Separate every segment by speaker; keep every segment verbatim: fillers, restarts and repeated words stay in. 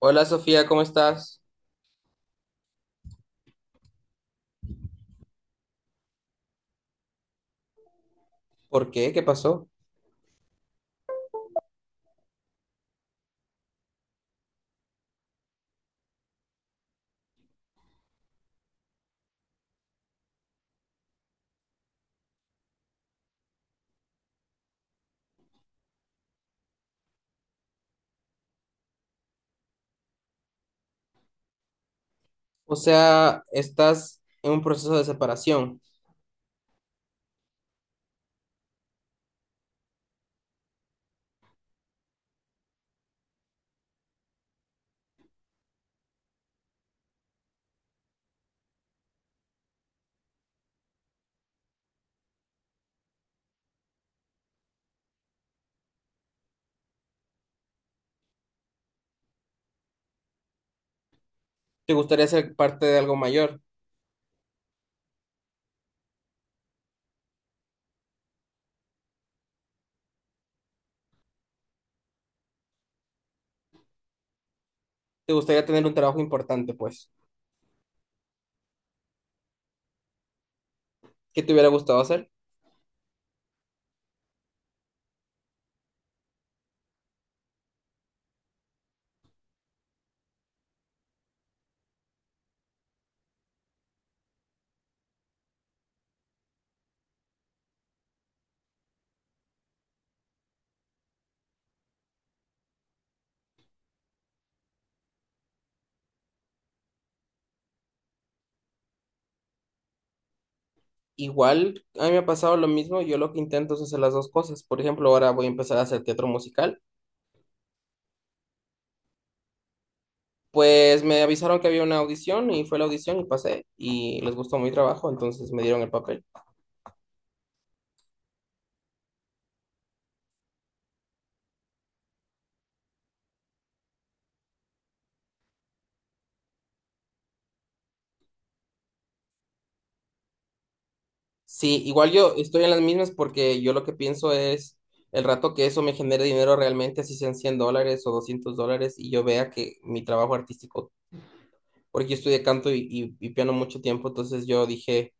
Speaker 1: Hola Sofía, ¿cómo estás? ¿Por qué? ¿Qué pasó? O sea, estás en un proceso de separación. ¿Te gustaría ser parte de algo mayor? ¿Te gustaría tener un trabajo importante, pues? ¿Qué te hubiera gustado hacer? Igual, a mí me ha pasado lo mismo. Yo lo que intento es hacer las dos cosas. Por ejemplo, ahora voy a empezar a hacer teatro musical. Pues me avisaron que había una audición y fue la audición y pasé y les gustó mi trabajo, entonces me dieron el papel. Sí, igual yo estoy en las mismas porque yo lo que pienso es el rato que eso me genere dinero realmente, así sean cien dólares o doscientos dólares, y yo vea que mi trabajo artístico, porque yo estudié canto y, y- y piano mucho tiempo, entonces yo dije,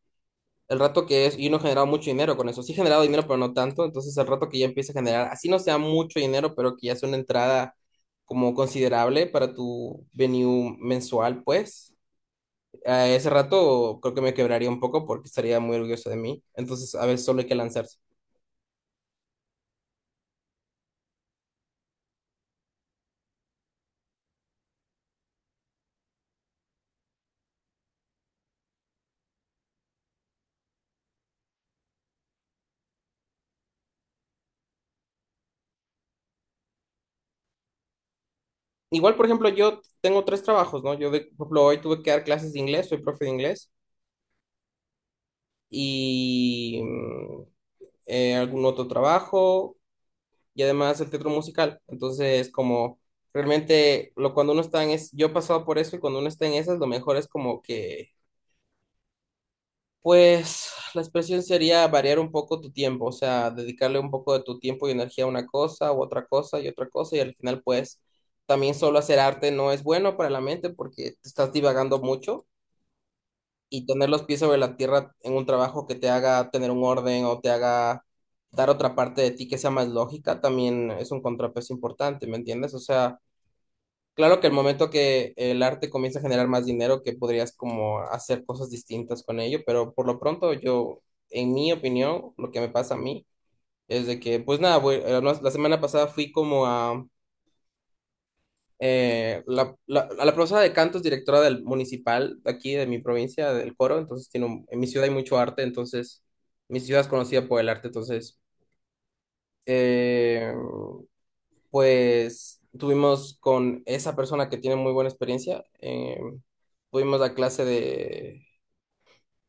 Speaker 1: el rato que es, y no he generado mucho dinero con eso, sí he generado dinero, pero no tanto, entonces el rato que ya empiece a generar, así no sea mucho dinero, pero que ya sea una entrada como considerable para tu venue mensual, pues. A ese rato creo que me quebraría un poco porque estaría muy orgulloso de mí. Entonces, a veces solo hay que lanzarse. Igual, por ejemplo, yo tengo tres trabajos, ¿no? Yo, de, por ejemplo, hoy tuve que dar clases de inglés, soy profe de inglés, y mm, eh, algún otro trabajo, y además el teatro musical. Entonces, como realmente, lo, cuando uno está en es, yo he pasado por eso, y cuando uno está en esas, lo mejor es como que, pues, la expresión sería variar un poco tu tiempo, o sea, dedicarle un poco de tu tiempo y energía a una cosa, u otra cosa, y otra cosa, y al final, pues, también solo hacer arte no es bueno para la mente porque te estás divagando mucho y tener los pies sobre la tierra en un trabajo que te haga tener un orden o te haga dar otra parte de ti que sea más lógica, también es un contrapeso importante, ¿me entiendes? O sea, claro que el momento que el arte comienza a generar más dinero, que podrías como hacer cosas distintas con ello, pero por lo pronto yo, en mi opinión, lo que me pasa a mí es de que, pues nada, voy- eh, no, la semana pasada fui como a eh, la, la, la profesora de canto es directora del municipal de aquí de mi provincia, del coro, entonces tiene un- en mi ciudad hay mucho arte, entonces mi ciudad es conocida por el arte, entonces eh, pues tuvimos con esa persona que tiene muy buena experiencia, eh, tuvimos la clase de,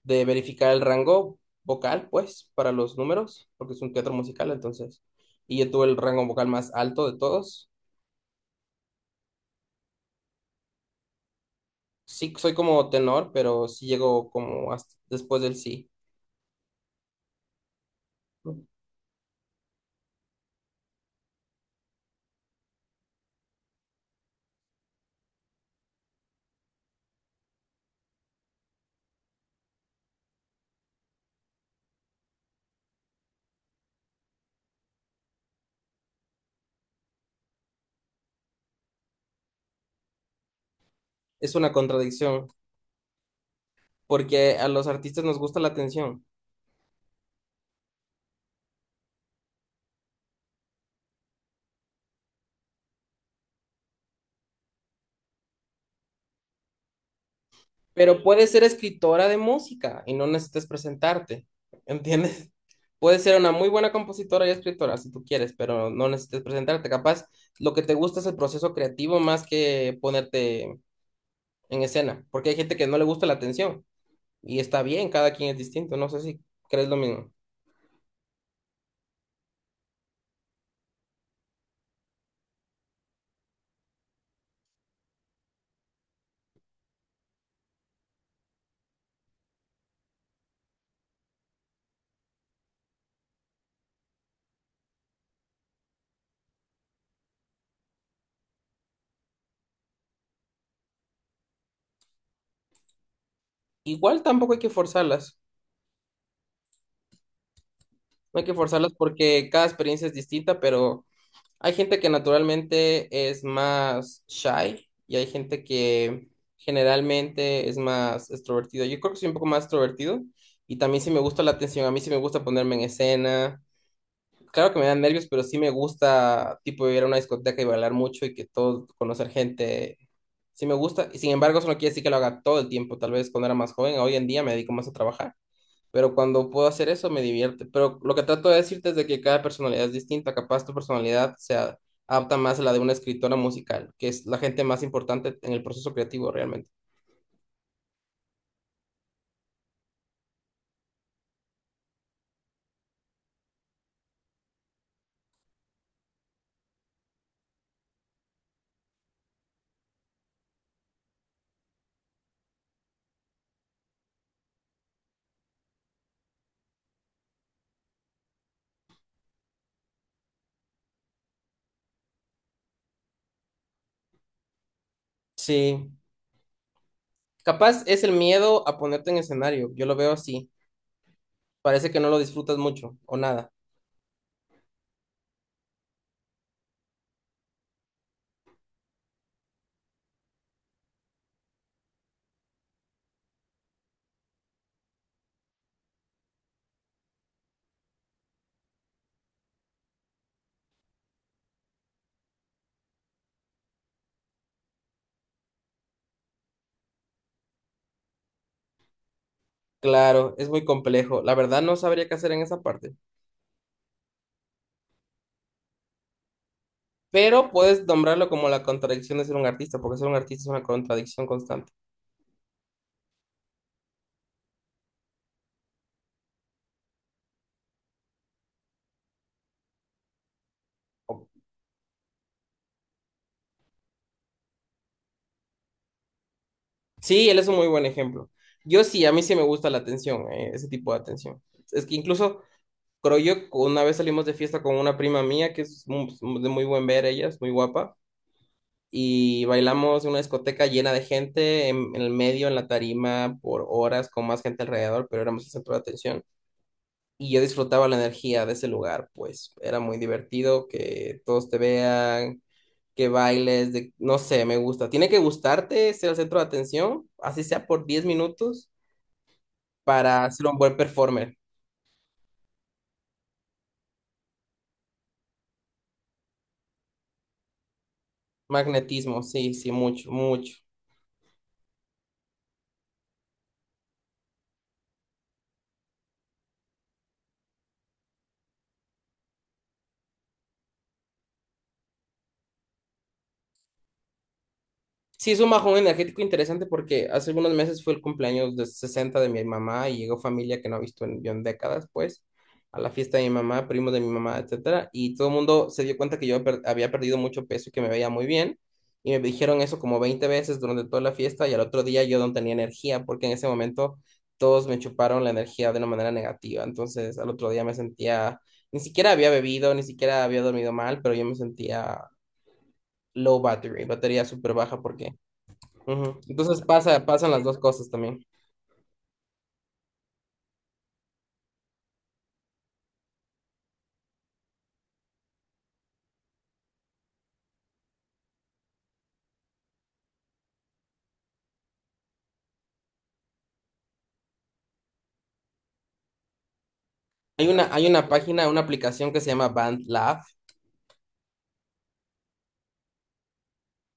Speaker 1: de verificar el rango vocal, pues, para los números, porque es un teatro musical, entonces, y yo tuve el rango vocal más alto de todos. Sí, soy como tenor, pero sí llego como hasta después del sí. ¿No? Es una contradicción, porque a los artistas nos gusta la atención. Pero puedes ser escritora de música y no necesitas presentarte, ¿entiendes? Puedes ser una muy buena compositora y escritora si tú quieres, pero no necesitas presentarte. Capaz lo que te gusta es el proceso creativo más que ponerte en escena, porque hay gente que no le gusta la atención y está bien, cada quien es distinto, no sé si crees lo mismo. Igual tampoco hay que forzarlas. No hay que forzarlas porque cada experiencia es distinta, pero hay gente que naturalmente es más shy y hay gente que generalmente es más extrovertido. Yo creo que soy un poco más extrovertido y también sí me gusta la atención, a mí sí me gusta ponerme en escena. Claro que me dan nervios, pero sí me gusta tipo ir a una discoteca y bailar mucho y que todo, conocer gente, sí me gusta. Y sin embargo, eso no quiere decir que lo haga todo el tiempo, tal vez cuando era más joven, hoy en día me dedico más a trabajar, pero cuando puedo hacer eso me divierte. Pero lo que trato de decirte es de que cada personalidad es distinta. Capaz tu personalidad se a- adapta más a la de una escritora musical, que es la gente más importante en el proceso creativo realmente. Sí. Capaz es el miedo a ponerte en escenario. Yo lo veo así. Parece que no lo disfrutas mucho o nada. Claro, es muy complejo. La verdad no sabría qué hacer en esa parte. Pero puedes nombrarlo como la contradicción de ser un artista, porque ser un artista es una contradicción constante. Sí, él es un muy buen ejemplo. Yo sí, a mí sí me gusta la atención, eh, ese tipo de atención. Es que incluso, creo yo, una vez salimos de fiesta con una prima mía, que es mu- de muy buen ver ella, es muy guapa, y bailamos en una discoteca llena de gente, en, en el medio, en la tarima, por horas, con más gente alrededor, pero éramos el centro de atención. Y yo disfrutaba la energía de ese lugar, pues era muy divertido que todos te vean, que bailes, de, no sé, me gusta. Tiene que gustarte ser el centro de atención, así sea por diez minutos para ser un buen performer. Magnetismo, sí, sí, mucho, mucho. Sí, es un bajón energético interesante porque hace algunos meses fue el cumpleaños de sesenta de mi mamá y llegó familia que no ha visto en, yo en décadas, pues, a la fiesta de mi mamá, primos de mi mamá, etcétera, y todo el mundo se dio cuenta que yo per- había perdido mucho peso y que me veía muy bien, y me dijeron eso como veinte veces durante toda la fiesta y al otro día yo no tenía energía porque en ese momento todos me chuparon la energía de una manera negativa, entonces al otro día me sentía, ni siquiera había bebido, ni siquiera había dormido mal, pero yo me sentía low battery, batería súper baja porque. Ujú. Entonces pasa, pasan las dos cosas también. Hay una, hay una página, una aplicación que se llama BandLab.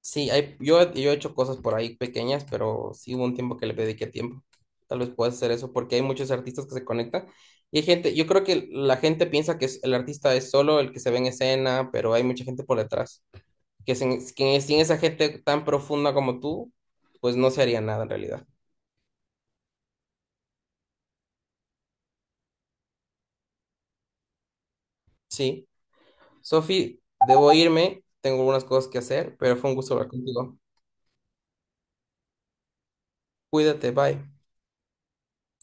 Speaker 1: Sí, hay, yo, yo he hecho cosas por ahí pequeñas, pero sí hubo un tiempo que le dediqué tiempo. Tal vez puedas hacer eso porque hay muchos artistas que se conectan. Y hay gente, yo creo que la gente piensa que es- el artista es solo el que se ve en escena, pero hay mucha gente por detrás. Que sin, que sin esa gente tan profunda como tú, pues no se haría nada en realidad. Sí. Sofi, debo irme, tengo algunas cosas que hacer, pero fue un gusto hablar contigo. Cuídate, bye.